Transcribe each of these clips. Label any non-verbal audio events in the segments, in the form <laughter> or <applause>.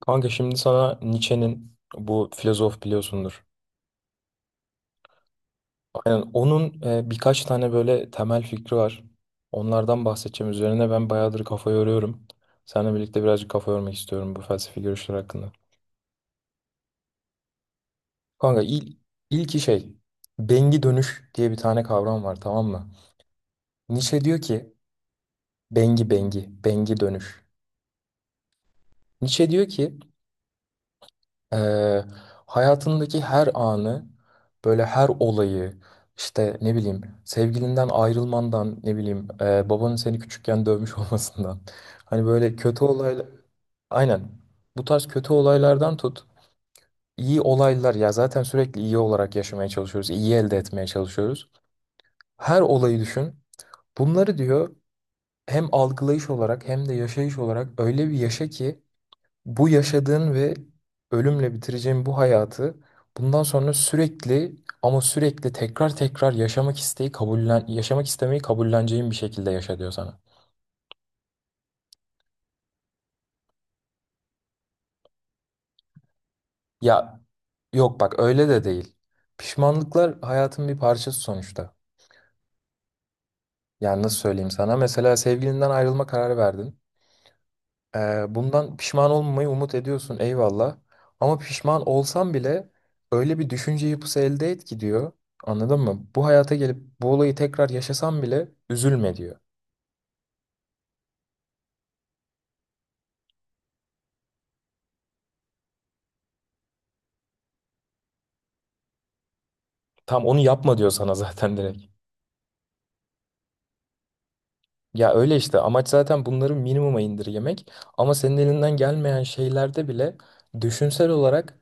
Kanka şimdi sana Nietzsche'nin bu filozof biliyorsundur. Aynen onun birkaç tane böyle temel fikri var. Onlardan bahsedeceğim. Üzerine ben bayağıdır kafa yoruyorum. Seninle birlikte birazcık kafa yormak istiyorum bu felsefi görüşler hakkında. Kanka il, ilki şey bengi dönüş diye bir tane kavram var, tamam mı? Nietzsche diyor ki bengi dönüş. Nietzsche diyor ki Ee, hayatındaki her anı, böyle her olayı, işte ne bileyim sevgilinden ayrılmandan, ne bileyim babanın seni küçükken dövmüş <laughs> olmasından. Hani böyle kötü olaylar, aynen bu tarz kötü olaylardan tut. İyi olaylar ya zaten sürekli iyi olarak yaşamaya çalışıyoruz, iyi elde etmeye çalışıyoruz. Her olayı düşün. Bunları diyor hem algılayış olarak hem de yaşayış olarak öyle bir yaşa ki bu yaşadığın ve ölümle bitireceğin bu hayatı bundan sonra sürekli ama sürekli tekrar tekrar yaşamak isteği kabullen yaşamak istemeyi kabulleneceğin bir şekilde yaşa diyor sana. Ya yok, bak öyle de değil. Pişmanlıklar hayatın bir parçası sonuçta. Yani nasıl söyleyeyim sana? Mesela sevgilinden ayrılma kararı verdin. Bundan pişman olmamayı umut ediyorsun, eyvallah. Ama pişman olsan bile öyle bir düşünce yapısı elde et ki diyor. Anladın mı? Bu hayata gelip bu olayı tekrar yaşasan bile üzülme diyor. Tam onu yapma diyor sana <laughs> zaten direkt. Ya öyle işte, amaç zaten bunları minimuma indirgemek. Ama senin elinden gelmeyen şeylerde bile düşünsel olarak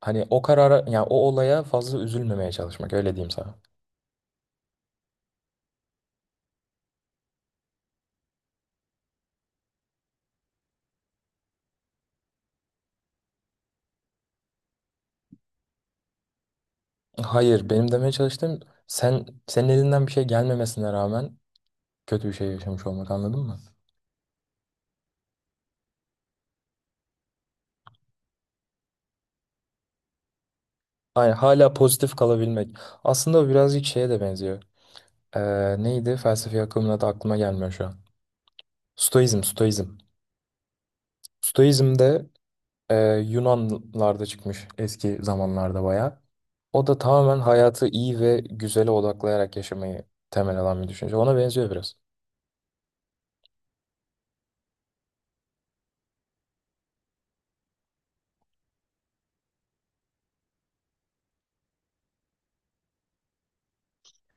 hani o karara, yani o olaya fazla üzülmemeye çalışmak, öyle diyeyim sana. Hayır, benim demeye çalıştığım sen senin elinden bir şey gelmemesine rağmen kötü bir şey yaşamış olmak, anladın mı? Aynen, hala pozitif kalabilmek. Aslında o birazcık şeye de benziyor. Neydi? Felsefi akımın adı aklıma gelmiyor şu an. Stoizm, Stoizm. Stoizm de e, Yunanlarda çıkmış eski zamanlarda, bayağı. O da tamamen hayatı iyi ve güzele odaklayarak yaşamayı temel alan bir düşünce. Ona benziyor biraz.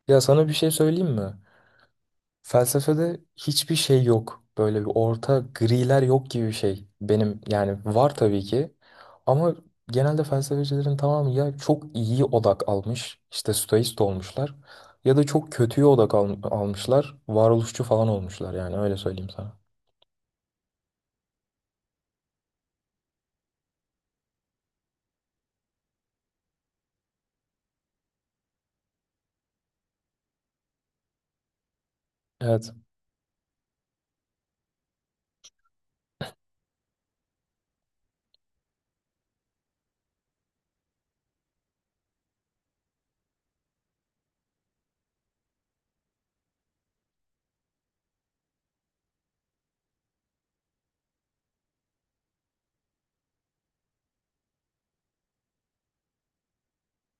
Ya sana bir şey söyleyeyim mi? Felsefede hiçbir şey yok. Böyle bir orta griler yok gibi bir şey. Benim yani var tabii ki. Ama genelde felsefecilerin tamamı ya çok iyi odak almış, işte stoist olmuşlar. Ya da çok kötüye almışlar. Varoluşçu falan olmuşlar, yani öyle söyleyeyim sana. Evet.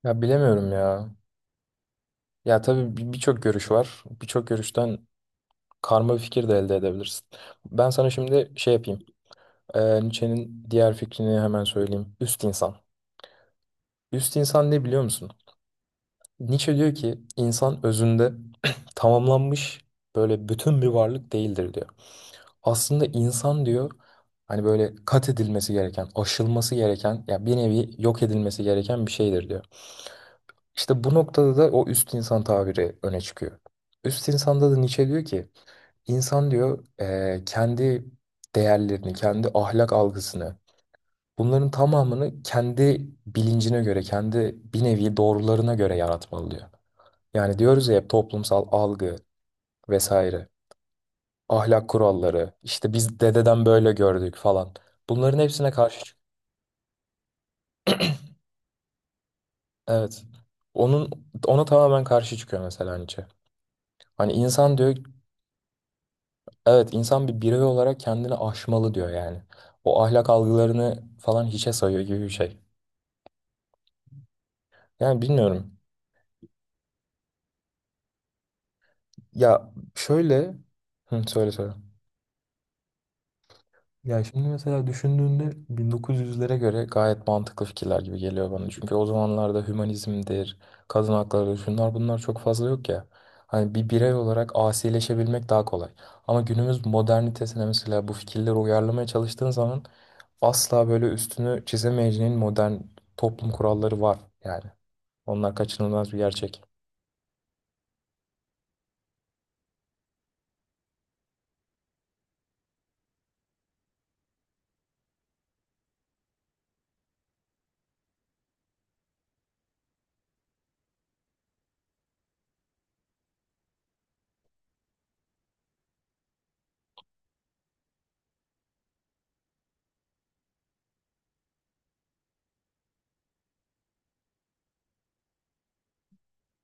Ya bilemiyorum ya. Ya tabii birçok görüş var. Birçok görüşten karma bir fikir de elde edebilirsin. Ben sana şimdi şey yapayım. Nietzsche'nin diğer fikrini hemen söyleyeyim. Üst insan. Üst insan ne biliyor musun? Nietzsche diyor ki insan özünde <clears throat> tamamlanmış böyle bütün bir varlık değildir diyor. Aslında insan diyor hani böyle kat edilmesi gereken, aşılması gereken ya bir nevi yok edilmesi gereken bir şeydir diyor. İşte bu noktada da o üst insan tabiri öne çıkıyor. Üst insanda da Nietzsche diyor ki insan diyor kendi değerlerini, kendi ahlak algısını bunların tamamını kendi bilincine göre, kendi bir nevi doğrularına göre yaratmalı diyor. Yani diyoruz ya hep toplumsal algı vesaire, ahlak kuralları, işte biz dededen böyle gördük falan. Bunların hepsine karşı çık. Evet. Onun ona tamamen karşı çıkıyor mesela Nietzsche. Hani insan diyor, evet insan bir birey olarak kendini aşmalı diyor yani. O ahlak algılarını falan hiçe sayıyor gibi bir şey. Yani bilmiyorum. Ya şöyle, hı, söyle söyle. Ya şimdi mesela düşündüğünde 1900'lere göre gayet mantıklı fikirler gibi geliyor bana. Çünkü o zamanlarda hümanizmdir, kadın hakları, şunlar bunlar çok fazla yok ya. Hani bir birey olarak asileşebilmek daha kolay. Ama günümüz modernitesine mesela bu fikirleri uyarlamaya çalıştığın zaman asla böyle üstünü çizemeyeceğin modern toplum kuralları var yani. Onlar kaçınılmaz bir gerçek.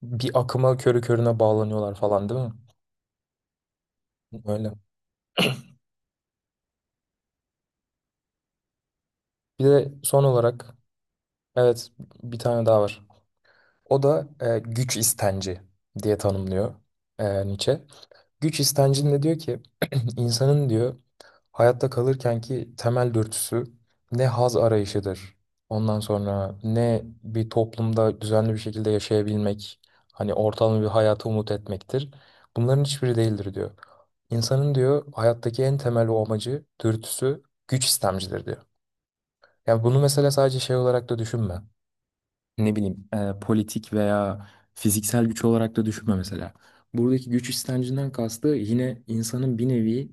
Bir akıma körü körüne bağlanıyorlar falan, değil mi? Öyle. Bir de son olarak evet, bir tane daha var. O da güç istenci diye tanımlıyor, Nietzsche. Güç istencinde diyor ki <clears throat> insanın diyor hayatta kalırkenki temel dürtüsü ne haz arayışıdır. Ondan sonra ne bir toplumda düzenli bir şekilde yaşayabilmek, hani ortalama bir hayata umut etmektir. Bunların hiçbiri değildir diyor. İnsanın diyor hayattaki en temel o amacı, dürtüsü güç istemcidir diyor. Yani bunu mesela sadece şey olarak da düşünme, ne bileyim politik veya fiziksel güç olarak da düşünme mesela. Buradaki güç istencinden kastı yine insanın bir nevi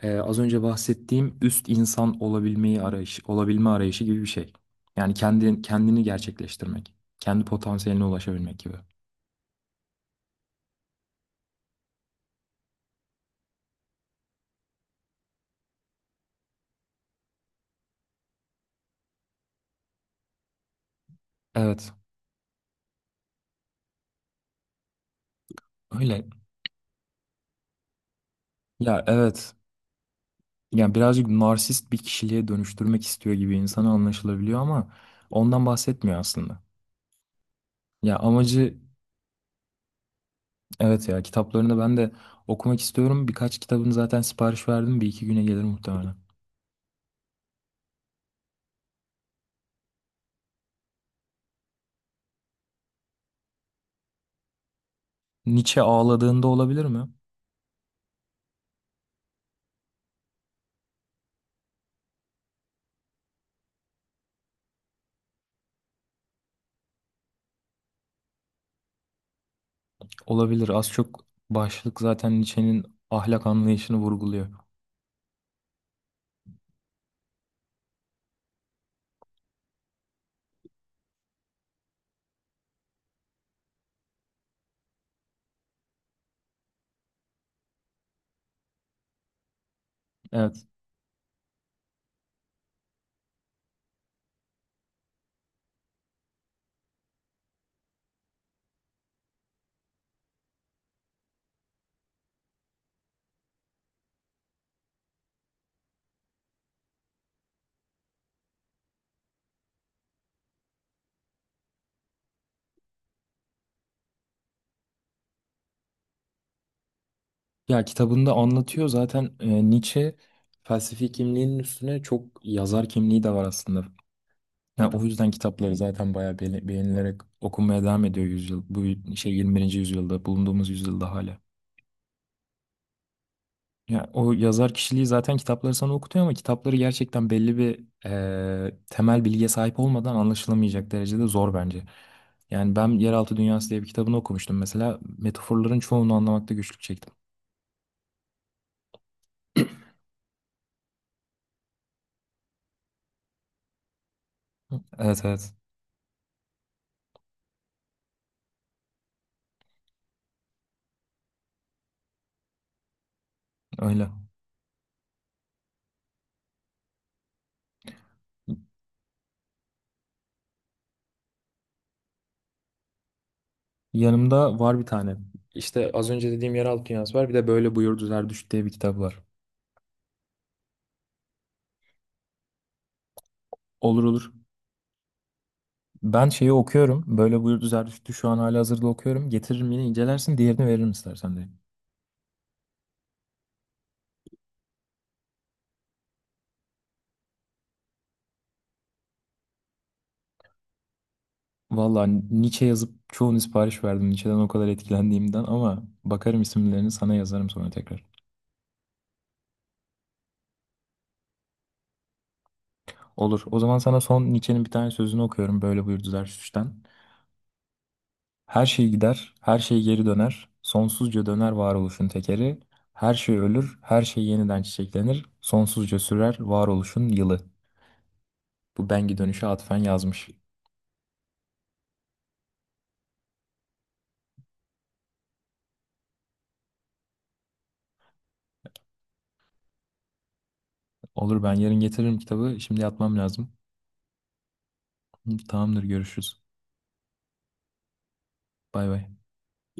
az önce bahsettiğim üst insan olabilme arayışı gibi bir şey. Yani kendini gerçekleştirmek, kendi potansiyeline ulaşabilmek gibi. Evet, öyle. Ya evet. Yani birazcık narsist bir kişiliğe dönüştürmek istiyor gibi insana anlaşılabiliyor ama ondan bahsetmiyor aslında. Ya amacı evet, ya kitaplarını ben de okumak istiyorum. Birkaç kitabını zaten sipariş verdim. Bir iki güne gelir muhtemelen. Nietzsche ağladığında olabilir mi? Olabilir. Az çok başlık zaten Nietzsche'nin ahlak anlayışını vurguluyor. Evet. Ya kitabında anlatıyor zaten Nietzsche felsefi kimliğinin üstüne çok yazar kimliği de var aslında. Yani o yüzden kitapları zaten bayağı beğenilerek okunmaya devam ediyor yüzyıl. Bu şey 21. yüzyılda bulunduğumuz yüzyılda hala. Ya o yazar kişiliği zaten kitapları sana okutuyor ama kitapları gerçekten belli bir temel bilgiye sahip olmadan anlaşılamayacak derecede zor bence. Yani ben Yeraltı Dünyası diye bir kitabını okumuştum mesela. Metaforların çoğunu anlamakta güçlük çektim. Evet evet, öyle. Yanımda var bir tane. İşte az önce dediğim Yeraltı Dünyası var. Bir de Böyle Buyurdu Zerdüşt diye bir kitap var. Olur olur. Ben şeyi okuyorum. Böyle Buyurdu Zerdüşt'ü şu an halihazırda okuyorum. Getiririm, yine incelersin. Diğerini veririm istersen de. Valla Nietzsche yazıp çoğunu sipariş verdim. Nietzsche'den o kadar etkilendiğimden, ama bakarım isimlerini sana yazarım sonra tekrar. Olur. O zaman sana son Nietzsche'nin bir tane sözünü okuyorum. Böyle buyurdu Zarathus'tan. Her şey gider, her şey geri döner. Sonsuzca döner varoluşun tekeri. Her şey ölür, her şey yeniden çiçeklenir. Sonsuzca sürer varoluşun yılı. Bu Bengi dönüşe atfen yazmış. Olur, ben yarın getiririm kitabı. Şimdi yatmam lazım. Tamamdır, görüşürüz. Bay bay.